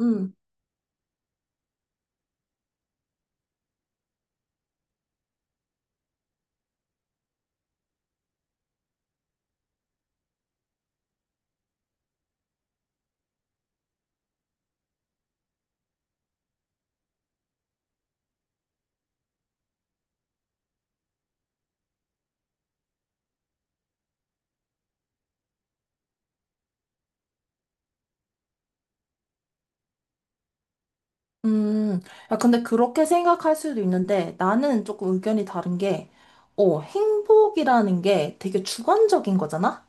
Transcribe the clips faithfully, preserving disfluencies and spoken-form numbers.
음, 음. 야, 근데 그렇게 생각할 수도 있는데 나는 조금 의견이 다른 게, 어, 행복이라는 게 되게 주관적인 거잖아?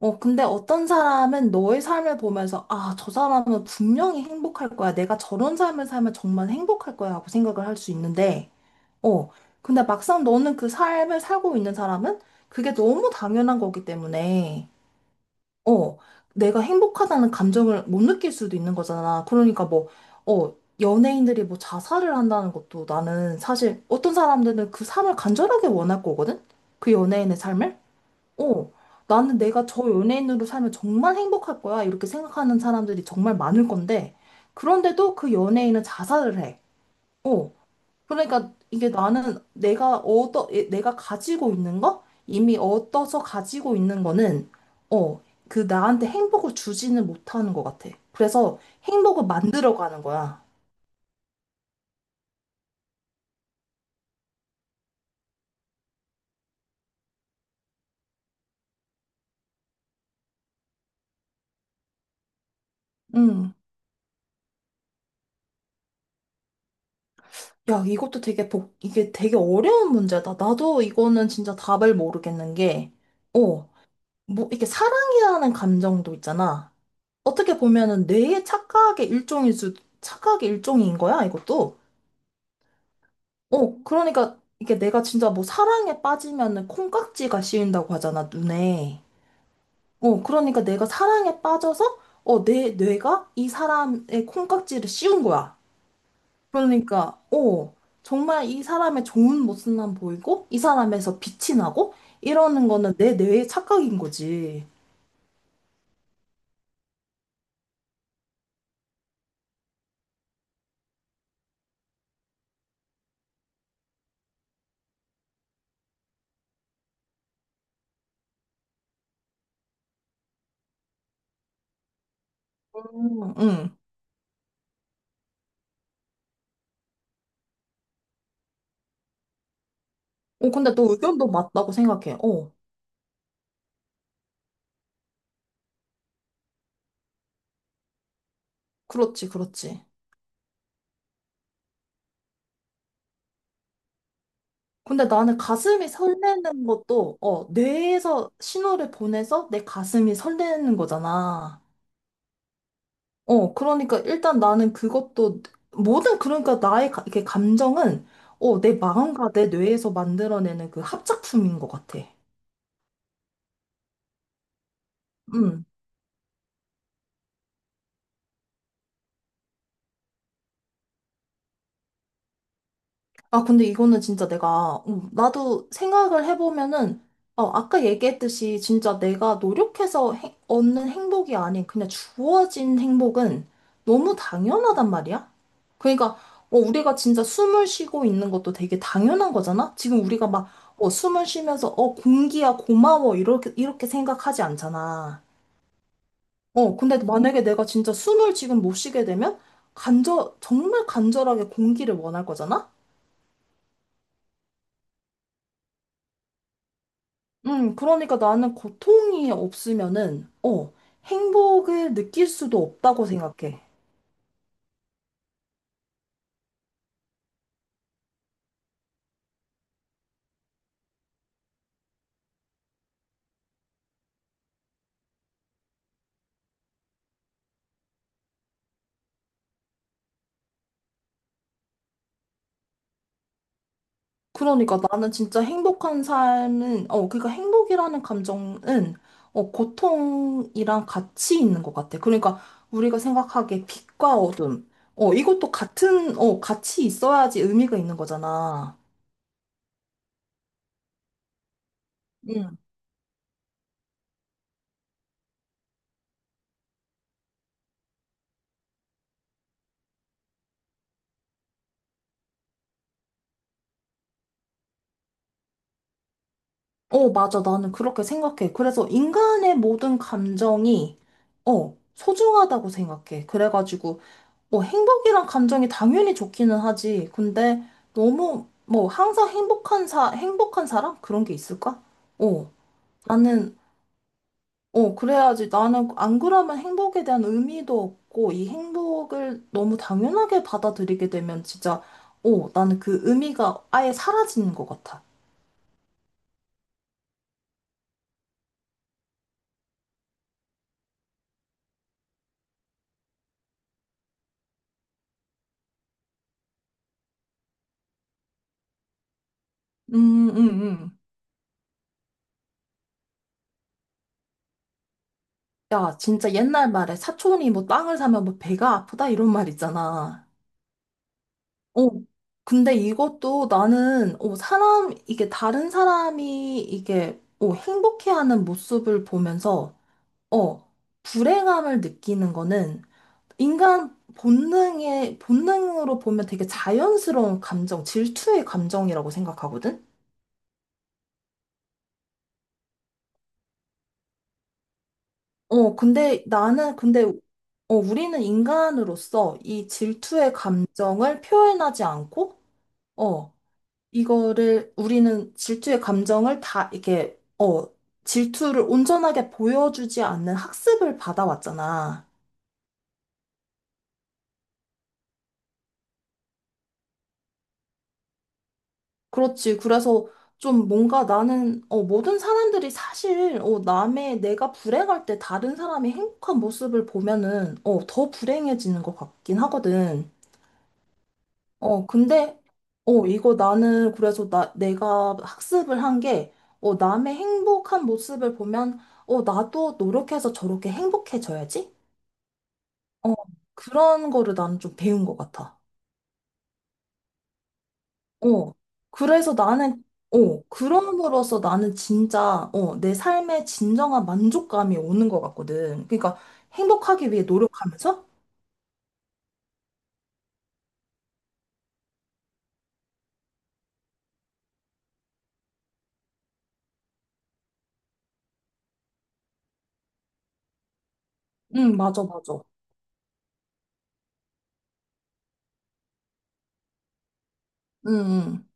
어, 근데 어떤 사람은 너의 삶을 보면서, 아, 저 사람은 분명히 행복할 거야. 내가 저런 삶을 살면 정말 행복할 거야. 하고 생각을 할 수 있는데, 어, 근데 막상 너는 그 삶을 살고 있는 사람은 그게 너무 당연한 거기 때문에, 어, 내가 행복하다는 감정을 못 느낄 수도 있는 거잖아. 그러니까 뭐, 어, 연예인들이 뭐 자살을 한다는 것도 나는 사실 어떤 사람들은 그 삶을 간절하게 원할 거거든? 그 연예인의 삶을? 어, 나는 내가 저 연예인으로 살면 정말 행복할 거야. 이렇게 생각하는 사람들이 정말 많을 건데, 그런데도 그 연예인은 자살을 해. 어, 그러니까 이게 나는 내가 얻어, 예, 내가 가지고 있는 거? 이미 얻어서 가지고 있는 거는, 어, 그 나한테 행복을 주지는 못하는 것 같아. 그래서 행복을 만들어 가는 거야. 음. 야, 이것도 되게 복, 이게 되게 어려운 문제다. 나도 이거는 진짜 답을 모르겠는 게, 어, 뭐, 이렇게 사랑이라는 감정도 있잖아. 어떻게 보면은 뇌의 착각의 일종일 수, 착각의 일종인 거야, 이것도. 어, 그러니까 이게 내가 진짜 뭐 사랑에 빠지면은 콩깍지가 씌인다고 하잖아, 눈에. 어, 그러니까 내가 사랑에 빠져서 어, 내 뇌가 이 사람의 콩깍지를 씌운 거야. 그러니까 어, 정말 이 사람의 좋은 모습만 보이고 이 사람에서 빛이 나고 이러는 거는 내 뇌의 착각인 거지. 응. 응. 어, 근데 너 의견도 맞다고 생각해. 어, 그렇지, 그렇지. 근데 나는 가슴이 설레는 것도, 어, 뇌에서 신호를 보내서 내 가슴이 설레는 거잖아. 어, 그러니까 일단 나는 그것도, 모든, 그러니까 나의 가, 이렇게 감정은, 어, 내 마음과 내 뇌에서 만들어내는 그 합작품인 것 같아. 음. 아, 근데 이거는 진짜 내가, 음, 나도 생각을 해보면은, 어, 아까 얘기했듯이 진짜 내가 노력해서 행- 얻는 행복이 아닌 그냥 주어진 행복은 너무 당연하단 말이야? 그러니까, 어, 우리가 진짜 숨을 쉬고 있는 것도 되게 당연한 거잖아? 지금 우리가 막, 어, 숨을 쉬면서, 어, 공기야, 고마워, 이렇게, 이렇게 생각하지 않잖아. 어, 근데 만약에 내가 진짜 숨을 지금 못 쉬게 되면, 간절, 정말 간절하게 공기를 원할 거잖아? 음, 그러니까 나는 고통이 없으면은, 어, 행복을 느낄 수도 없다고 생각해. 그러니까 나는 진짜 행복한 삶은, 어, 그러니까 행복이라는 감정은, 어, 고통이랑 같이 있는 것 같아. 그러니까 우리가 생각하기에 빛과 어둠, 어, 이것도 같은, 어, 같이 있어야지 의미가 있는 거잖아. 응. 어, 맞아. 나는 그렇게 생각해. 그래서 인간의 모든 감정이, 어, 소중하다고 생각해. 그래가지고, 뭐 행복이란 감정이 당연히 좋기는 하지. 근데 너무 뭐 항상 행복한 사 행복한 사람 그런 게 있을까? 어. 나는 어 그래야지 나는 안 그러면 행복에 대한 의미도 없고 이 행복을 너무 당연하게 받아들이게 되면 진짜 어 나는 그 의미가 아예 사라지는 것 같아. 음, 음, 음. 야, 진짜 옛날 말에 사촌이 뭐 땅을 사면 뭐 배가 아프다 이런 말 있잖아. 어, 근데 이것도 나는, 어, 사람, 이게 다른 사람이 이게, 어, 행복해하는 모습을 보면서, 어, 불행함을 느끼는 거는 인간 본능의, 본능으로 보면 되게 자연스러운 감정, 질투의 감정이라고 생각하거든? 어, 근데 나는, 근데, 어, 우리는 인간으로서 이 질투의 감정을 표현하지 않고, 어, 이거를 우리는 질투의 감정을 다 이렇게 어 질투를 온전하게 보여주지 않는 학습을 받아왔잖아. 그렇지. 그래서 좀 뭔가 나는 어 모든 사람들이 사실 어 남의 내가 불행할 때 다른 사람이 행복한 모습을 보면은 어 더 불행해지는 것 같긴 하거든. 어 근데 어 이거 나는 그래서 나 내가 학습을 한 게 어 남의 행복한 모습을 보면 어 나도 노력해서 저렇게 행복해져야지. 어, 그런 거를 나는 좀 배운 것 같아. 어, 그래서 나는, 어, 그럼으로써 나는 진짜, 어, 내 삶에 진정한 만족감이 오는 것 같거든. 그러니까 행복하기 위해 노력하면서? 응, 맞아, 맞아. 응, 응.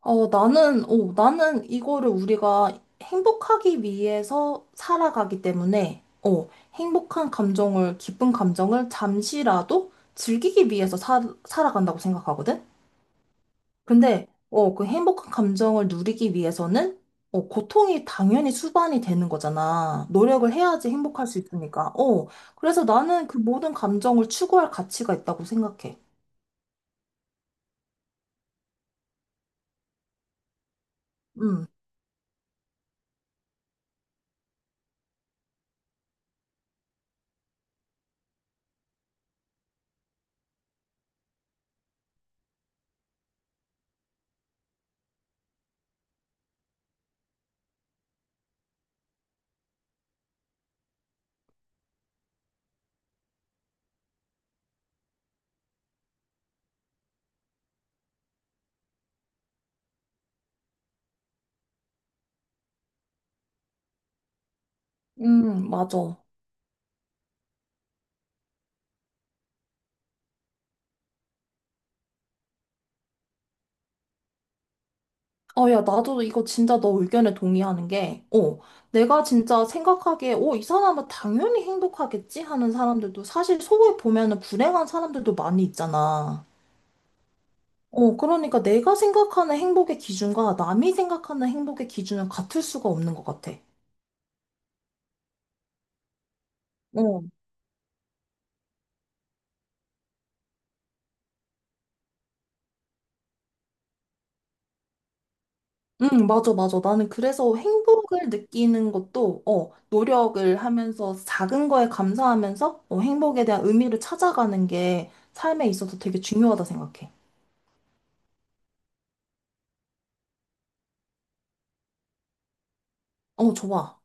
어, 나는, 어, 나는 이거를 우리가 행복하기 위해서 살아가기 때문에, 어, 행복한 감정을, 기쁜 감정을 잠시라도 즐기기 위해서 살 살아간다고 생각하거든? 근데 어, 그 행복한 감정을 누리기 위해서는 어, 고통이 당연히 수반이 되는 거잖아. 노력을 해야지 행복할 수 있으니까. 어, 그래서 나는 그 모든 감정을 추구할 가치가 있다고 생각해. 음, 음, 맞아. 어, 야, 나도 이거 진짜 너 의견에 동의하는 게, 어, 내가 진짜 생각하기에, 어, 이 사람은 당연히 행복하겠지? 하는 사람들도 사실 속에 보면은 불행한 사람들도 많이 있잖아. 어, 그러니까 내가 생각하는 행복의 기준과 남이 생각하는 행복의 기준은 같을 수가 없는 것 같아. 어. 응, 맞아, 맞아. 나는 그래서 행복을 느끼는 것도, 어, 노력을 하면서 작은 거에 감사하면서, 어, 행복에 대한 의미를 찾아가는 게 삶에 있어서 되게 중요하다 생각해. 어, 좋아.